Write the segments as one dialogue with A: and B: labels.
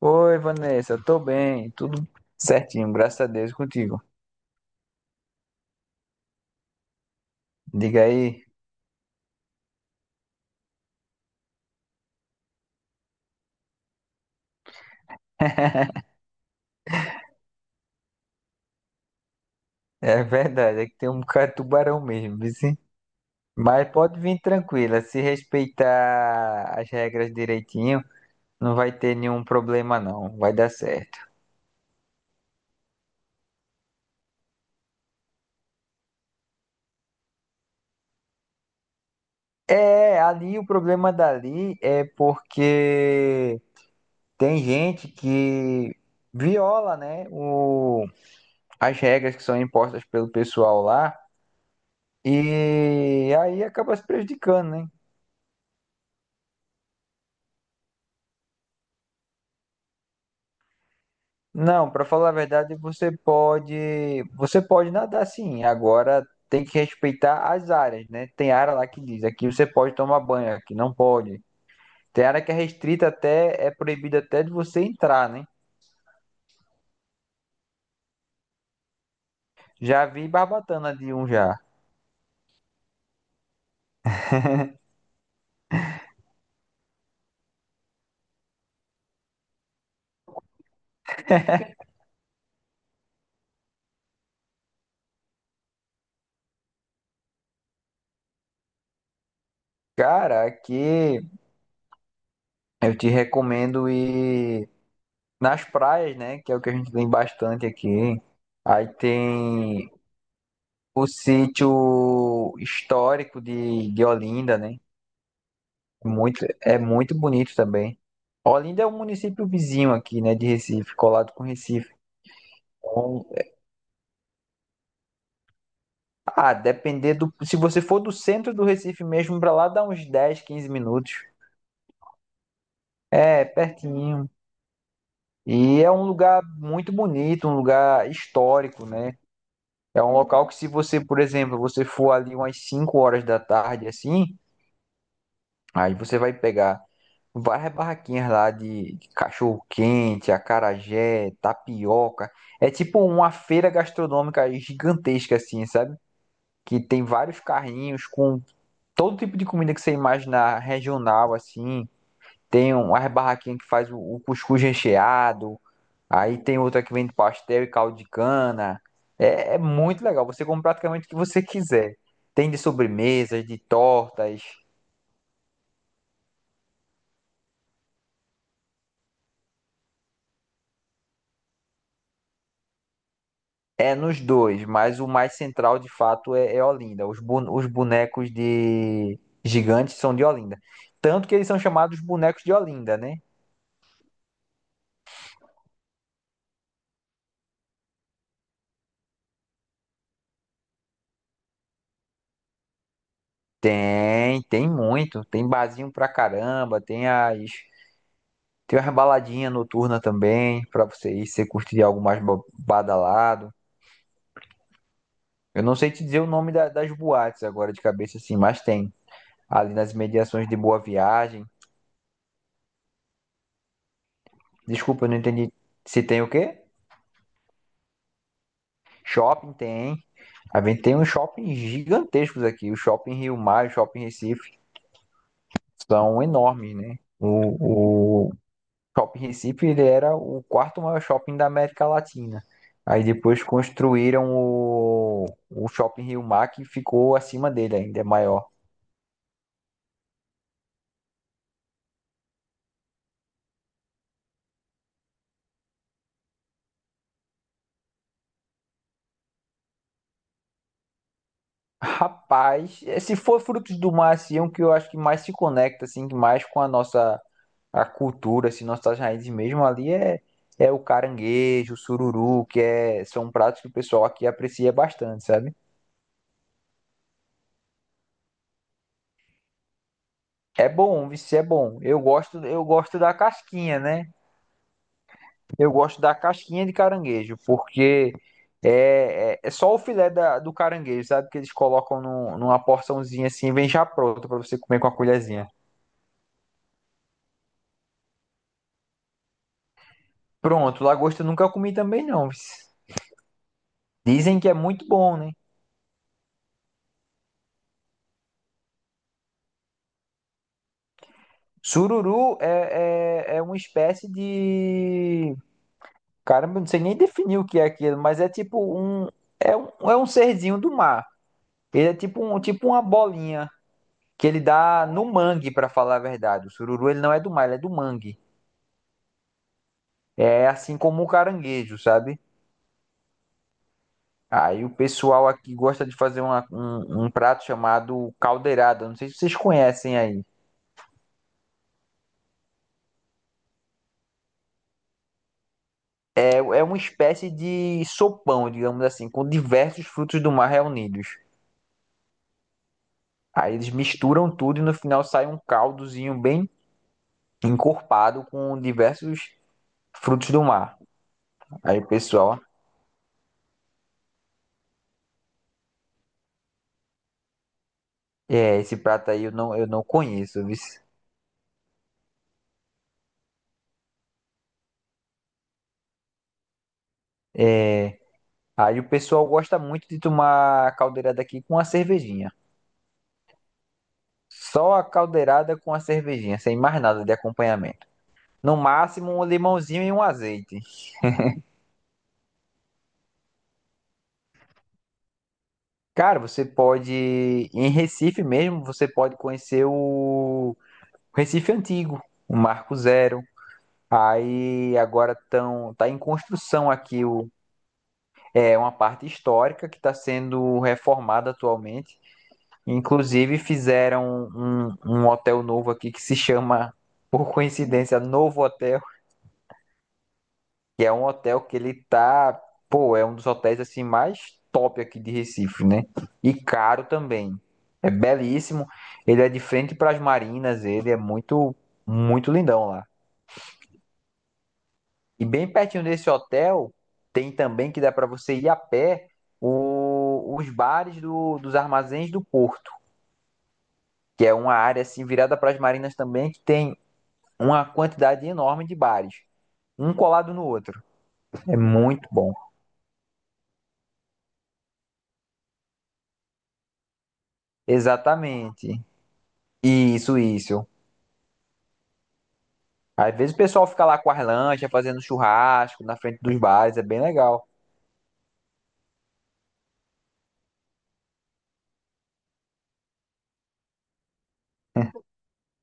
A: Oi, Vanessa, tô bem, tudo certinho, graças a Deus e contigo. Diga aí. É verdade, é que tem um bocado de tubarão mesmo, viu, sim? Mas pode vir tranquila, se respeitar as regras direitinho, não vai ter nenhum problema não, vai dar certo. É, ali o problema dali é porque tem gente que viola, né, as regras que são impostas pelo pessoal lá e aí acaba se prejudicando, né? Não, para falar a verdade, você pode nadar sim. Agora tem que respeitar as áreas, né? Tem área lá que diz, aqui você pode tomar banho, aqui não pode. Tem área que é restrita até, é proibida até de você entrar, né? Já vi barbatana de um já. Cara, aqui eu te recomendo ir nas praias, né? Que é o que a gente tem bastante aqui. Aí tem o sítio histórico de Olinda, né? Muito, é muito bonito também. Olinda é um município vizinho aqui, né, de Recife, colado com Recife. Então, depender do. Se você for do centro do Recife mesmo, pra lá dá uns 10 15 minutos. É, pertinho. E é um lugar muito bonito, um lugar histórico, né? É um local que, se você, por exemplo, você for ali umas 5 horas da tarde, assim, aí você vai pegar. Várias barraquinhas lá de cachorro-quente, acarajé, tapioca. É tipo uma feira gastronômica gigantesca, assim, sabe? Que tem vários carrinhos com todo tipo de comida que você imaginar regional, assim. Tem uma barraquinha que faz o cuscuz recheado. Aí tem outra que vende pastel e caldo de cana. É, é muito legal. Você come praticamente o que você quiser. Tem de sobremesas, de tortas. É nos dois, mas o mais central de fato é, é Olinda. Os bonecos de gigantes são de Olinda. Tanto que eles são chamados bonecos de Olinda, né? Tem, tem muito. Tem barzinho pra caramba, tem as. Tem umas baladinhas noturnas também, pra você ir, se você curtir algo mais badalado. Eu não sei te dizer o nome das boates agora de cabeça, assim, mas tem. Ali nas imediações de Boa Viagem. Desculpa, eu não entendi. Se tem o quê? Shopping tem. A gente tem uns shoppings gigantescos aqui. O Shopping Rio Mar, o Shopping Recife, são enormes, né? O Shopping Recife, ele era o quarto maior shopping da América Latina. Aí depois construíram o Shopping Rio Mar, que ficou acima dele ainda, é maior. Rapaz, se for Frutos do Mar, assim, é um que eu acho que mais se conecta, assim, que mais com a nossa a cultura, assim, nossas raízes mesmo ali é o caranguejo, o sururu, que é, são pratos que o pessoal aqui aprecia bastante, sabe? É bom, vice é bom. Eu gosto da casquinha, né? Eu gosto da casquinha de caranguejo, porque é só o filé do caranguejo, sabe? Que eles colocam numa porçãozinha assim, vem já pronto pra você comer com a colherzinha. Pronto, lagosta eu nunca comi também não, vice. Dizem que é muito bom, né? Sururu é uma espécie de. Caramba, eu não sei nem definir o que é aquilo, mas é tipo um. É um, é um serzinho do mar. Ele é tipo, um, tipo uma bolinha que ele dá no mangue, pra falar a verdade. O sururu ele não é do mar, ele é do mangue. É assim como o caranguejo, sabe? Aí o pessoal aqui gosta de fazer um prato chamado caldeirada. Não sei se vocês conhecem aí. É, é uma espécie de sopão, digamos assim, com diversos frutos do mar reunidos. Aí eles misturam tudo e no final sai um caldozinho bem encorpado com diversos frutos do mar. Aí o pessoal, é, esse prato aí eu não conheço, viu? É. Aí o pessoal gosta muito de tomar a caldeirada aqui com a cervejinha. Só a caldeirada com a cervejinha, sem mais nada de acompanhamento. No máximo um limãozinho e um azeite. Cara, você pode, em Recife mesmo, você pode conhecer o Recife Antigo, o Marco Zero. Aí agora tão, tá em construção aqui o, é uma parte histórica que está sendo reformada atualmente. Inclusive fizeram um, um hotel novo aqui que se chama, por coincidência, Novo Hotel, que é um hotel que ele tá, pô, é um dos hotéis assim mais top aqui de Recife, né? E caro também. É belíssimo. Ele é de frente para as marinas, ele é muito, muito lindão lá. E bem pertinho desse hotel tem também que dá para você ir a pé os bares dos armazéns do Porto, que é uma área assim virada para as marinas também que tem uma quantidade enorme de bares, um colado no outro. É muito bom. Exatamente. Isso, isso. Às vezes o pessoal fica lá com as lanchas, fazendo churrasco na frente dos bares, é bem legal.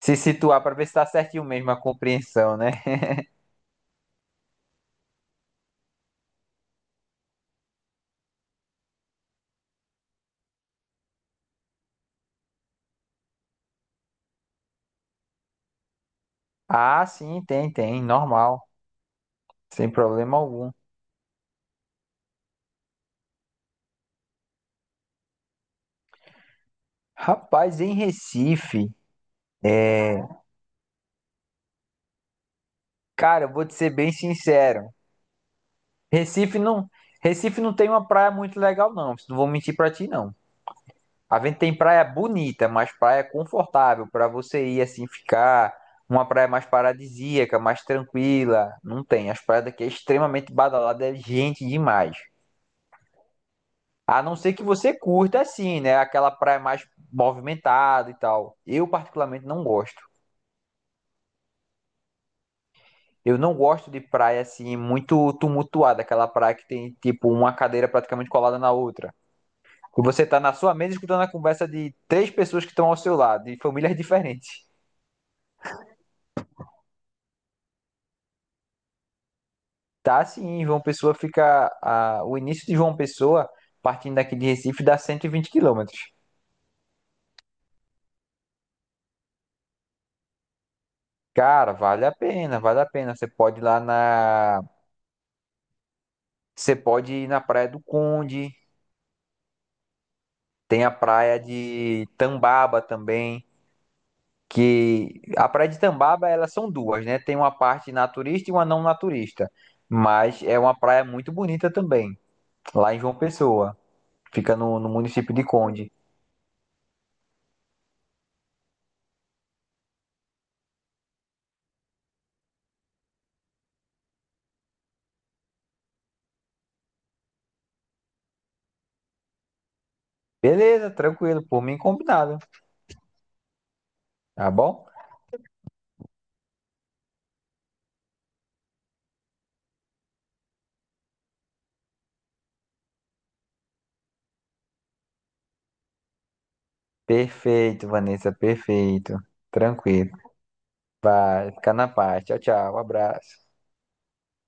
A: Se situar para ver se tá certinho mesmo a compreensão, né? Ah, sim, tem, tem, normal, sem problema algum. Rapaz, em Recife, é... cara, eu vou te ser bem sincero. Recife não, Recife não tem uma praia muito legal não, não vou mentir para ti não. A gente tem praia bonita, mas praia confortável para você ir assim ficar. Uma praia mais paradisíaca, mais tranquila. Não tem. As praias daqui é extremamente badalada, é gente demais. A não ser que você curta assim, né? Aquela praia mais movimentada e tal. Eu particularmente não gosto. Eu não gosto de praia assim muito tumultuada, aquela praia que tem tipo uma cadeira praticamente colada na outra. E você tá na sua mesa escutando a conversa de três pessoas que estão ao seu lado, de famílias diferentes. Tá sim, em João Pessoa fica. O início de João Pessoa, partindo daqui de Recife, dá 120 quilômetros. Cara, vale a pena, vale a pena. Você pode ir lá na. Você pode ir na Praia do Conde, tem a praia de Tambaba também. Que a praia de Tambaba, elas são duas, né? Tem uma parte naturista e uma não naturista. Mas é uma praia muito bonita também, lá em João Pessoa. Fica no, no município de Conde. Beleza, tranquilo, por mim combinado, tá bom? Perfeito, Vanessa, perfeito. Tranquilo. Vai, fica na paz. Tchau, tchau. Um abraço.